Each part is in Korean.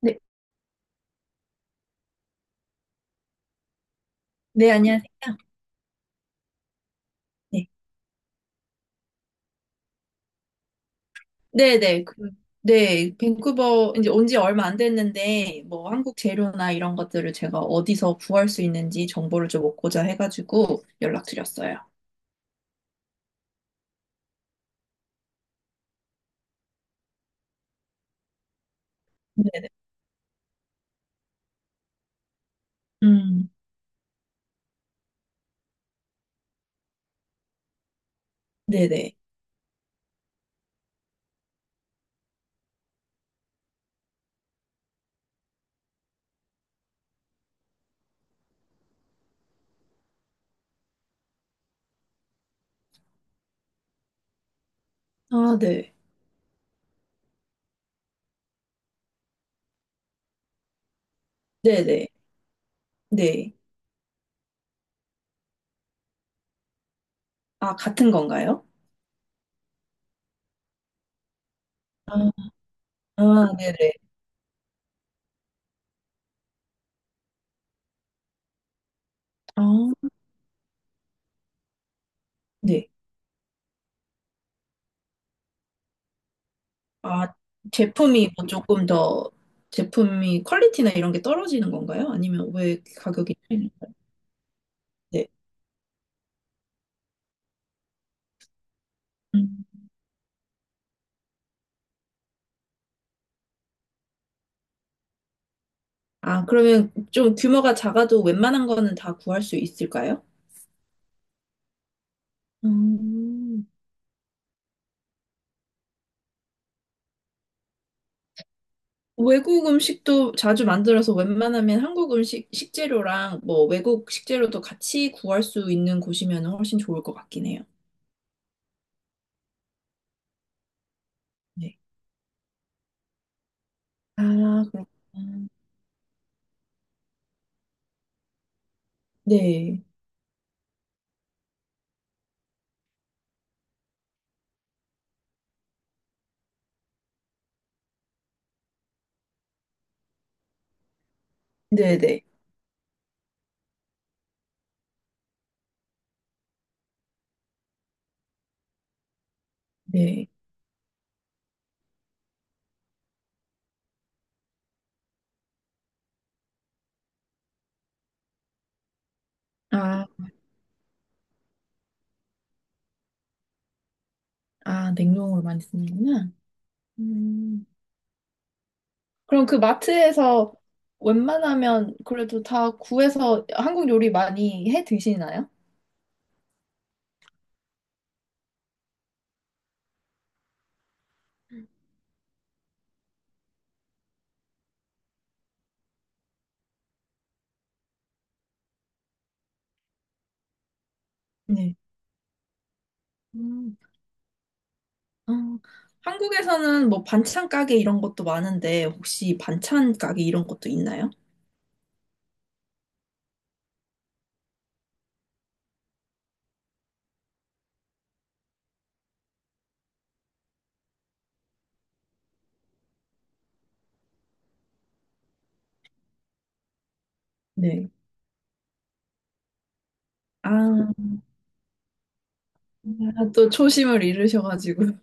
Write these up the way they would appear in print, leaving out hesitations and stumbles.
네, 네, 안녕하세요. 네, 네, 네, 그, 네, 밴쿠버 이제 온지 얼마 안 됐는데 뭐 한국 재료나 이런 것들을 제가 어디서 구할 수 있는지 정보를 좀 얻고자 해가지고 연락드렸어요. 네. 음. 네, 네. 아, 네. 네, 네, 네. 아, 같은 건가요? 아. 아. 네, 네. 아, 네. 아, 제품이 뭐 조금 더 제품이 퀄리티나 이런 게 떨어지는 건가요? 아니면 왜 가격이 차이? 네. 아, 그러면 좀 규모가 작아도 웬만한 거는 다 구할 수 있을까요? 음. 외국 음식도 자주 만들어서 웬만하면 한국 음식 식재료랑 뭐 외국 식재료도 같이 구할 수 있는 곳이면 훨씬 좋을 것 같긴 해요. 네. 아, 그렇구나. 네. 네네. 네. 아. 아, 냉동으로 많이 쓰는구나. 음. 그럼 그 마트에서 웬만하면 그래도 다 구해서 한국 요리 많이 해 드시나요? 네. 음. 어, 한국에서는 뭐 반찬 가게 이런 것도 많은데 혹시 반찬 가게 이런 것도 있나요? 네. 아, 또 초심을 잃으셔가지고.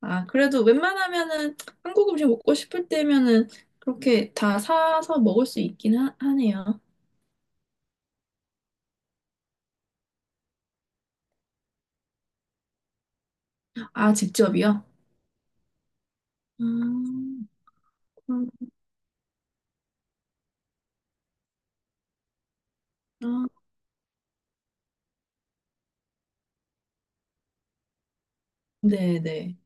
아, 그래도 웬만하면은 한국 음식 먹고 싶을 때면은 그렇게 다 사서 먹을 수 있긴 하, 하네요. 아, 직접이요? 음. 그럼, 아, 네네.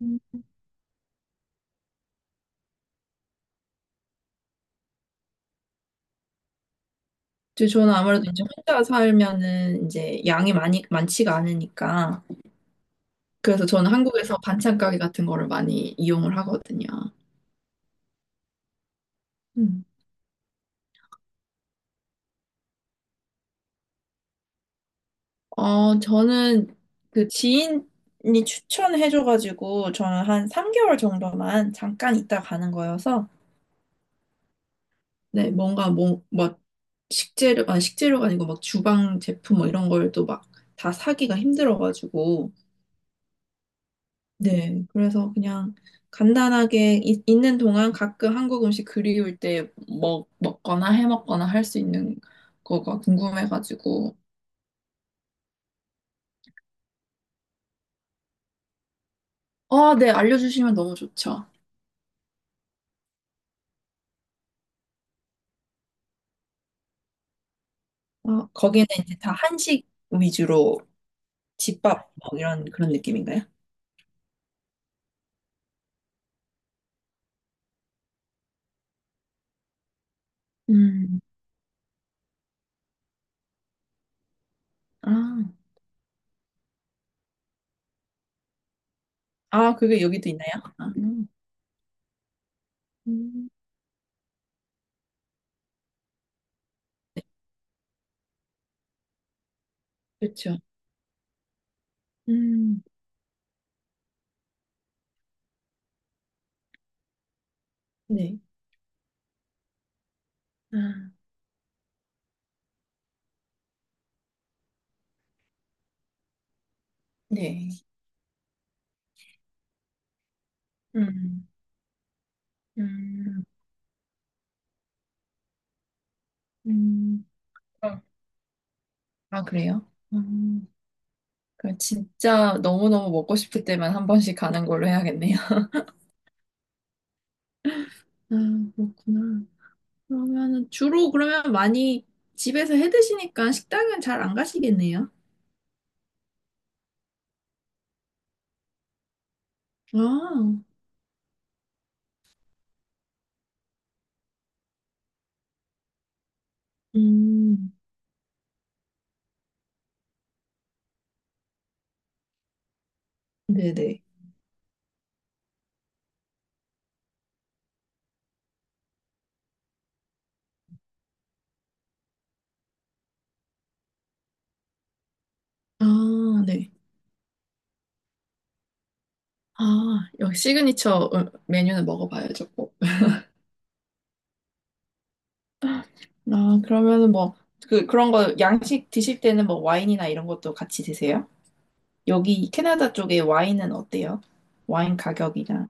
음. 저는 아무래도 이제 혼자 살면은 이제 양이 많이, 많지가 않으니까. 그래서 저는 한국에서 반찬 가게 같은 거를 많이 이용을 하거든요. 음. 어, 저는 그 지인이 추천해줘가지고 저는 한 3개월 정도만 잠깐 있다 가는 거여서 네, 뭔가 뭐, 막 식재료, 아니 식재료가 아니고 막 주방 제품 뭐 이런 걸 또 막 다 사기가 힘들어가지고 네, 그래서 그냥 간단하게 이- 있는 동안 가끔 한국 음식 그리울 때 먹거나 해 먹거나 할 수 있는 거가 궁금해가지고 아, 네, 알려주시면 너무 좋죠. 아, 거기는 이제 다 한식 위주로 집밥 뭐 이런 그런 느낌인가요? 음. 아. 아, 그게 여기도 있나요? 아. 음. 음. 그렇죠. 음. 네. 아, 네. 음. 음. 음. 어. 아, 그래요? 음. 그럼 진짜 너무너무 먹고 싶을 때만 한 번씩 가는 걸로 해야겠네요. 아, 그렇구나. 그러면은 주로 그러면 많이 집에서 해 드시니까 식당은 잘 안 가시겠네요. 아. 음. 네네. 아, 네. 아, 여기 시그니처 메뉴는 먹어봐야죠, 꼭. 아, 그러면은 뭐, 그, 그런 거, 양식 드실 때는 뭐, 와인이나 이런 것도 같이 드세요? 여기 캐나다 쪽에 와인은 어때요? 와인 가격이나.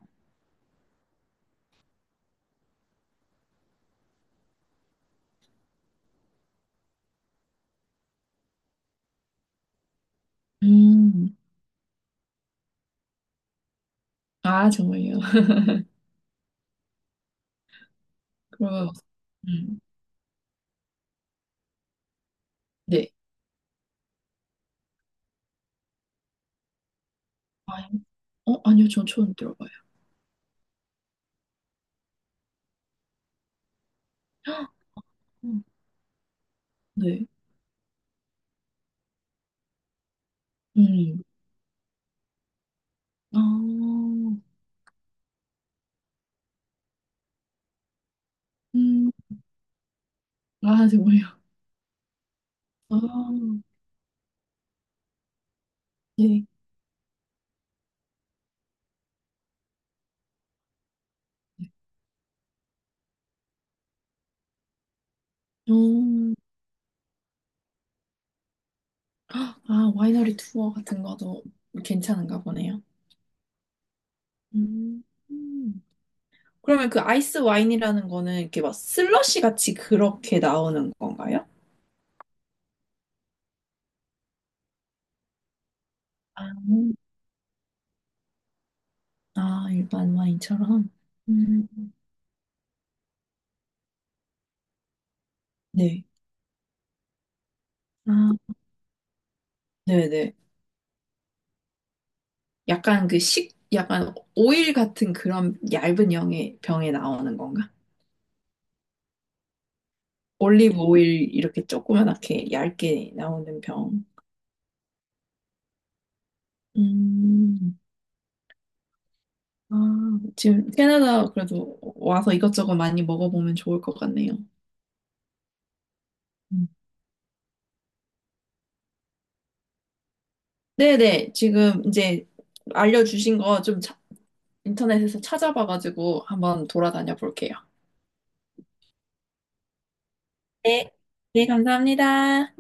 음. 아, 정말요? 그러면, 음, 네. 와인? 어, 아니요, 전 처음 들어봐요. 음. 네. 음. 아. 음. 아, 정말요? 아, 네. 어. 아, 와이너리 투어 같은 것도 괜찮은가 보네요. 음. 음. 그러면 그 아이스 와인이라는 거는 이렇게 막 슬러시 같이 그렇게 나오는 건가요? 아. 아, 일반 와인처럼. 음. 네. 아, 네네. 약간 그 식, 약간 오일 같은 그런 얇은 병에, 병에 나오는 건가? 올리브 오일 이렇게 조그맣게 얇게 나오는 병. 음. 아, 지금 캐나다 그래도 와서 이것저것 많이 먹어보면 좋을 것 같네요. 음. 네네, 지금 이제 알려주신 거 좀 인터넷에서 찾아봐가지고 한번 돌아다녀 볼게요. 네. 네, 감사합니다.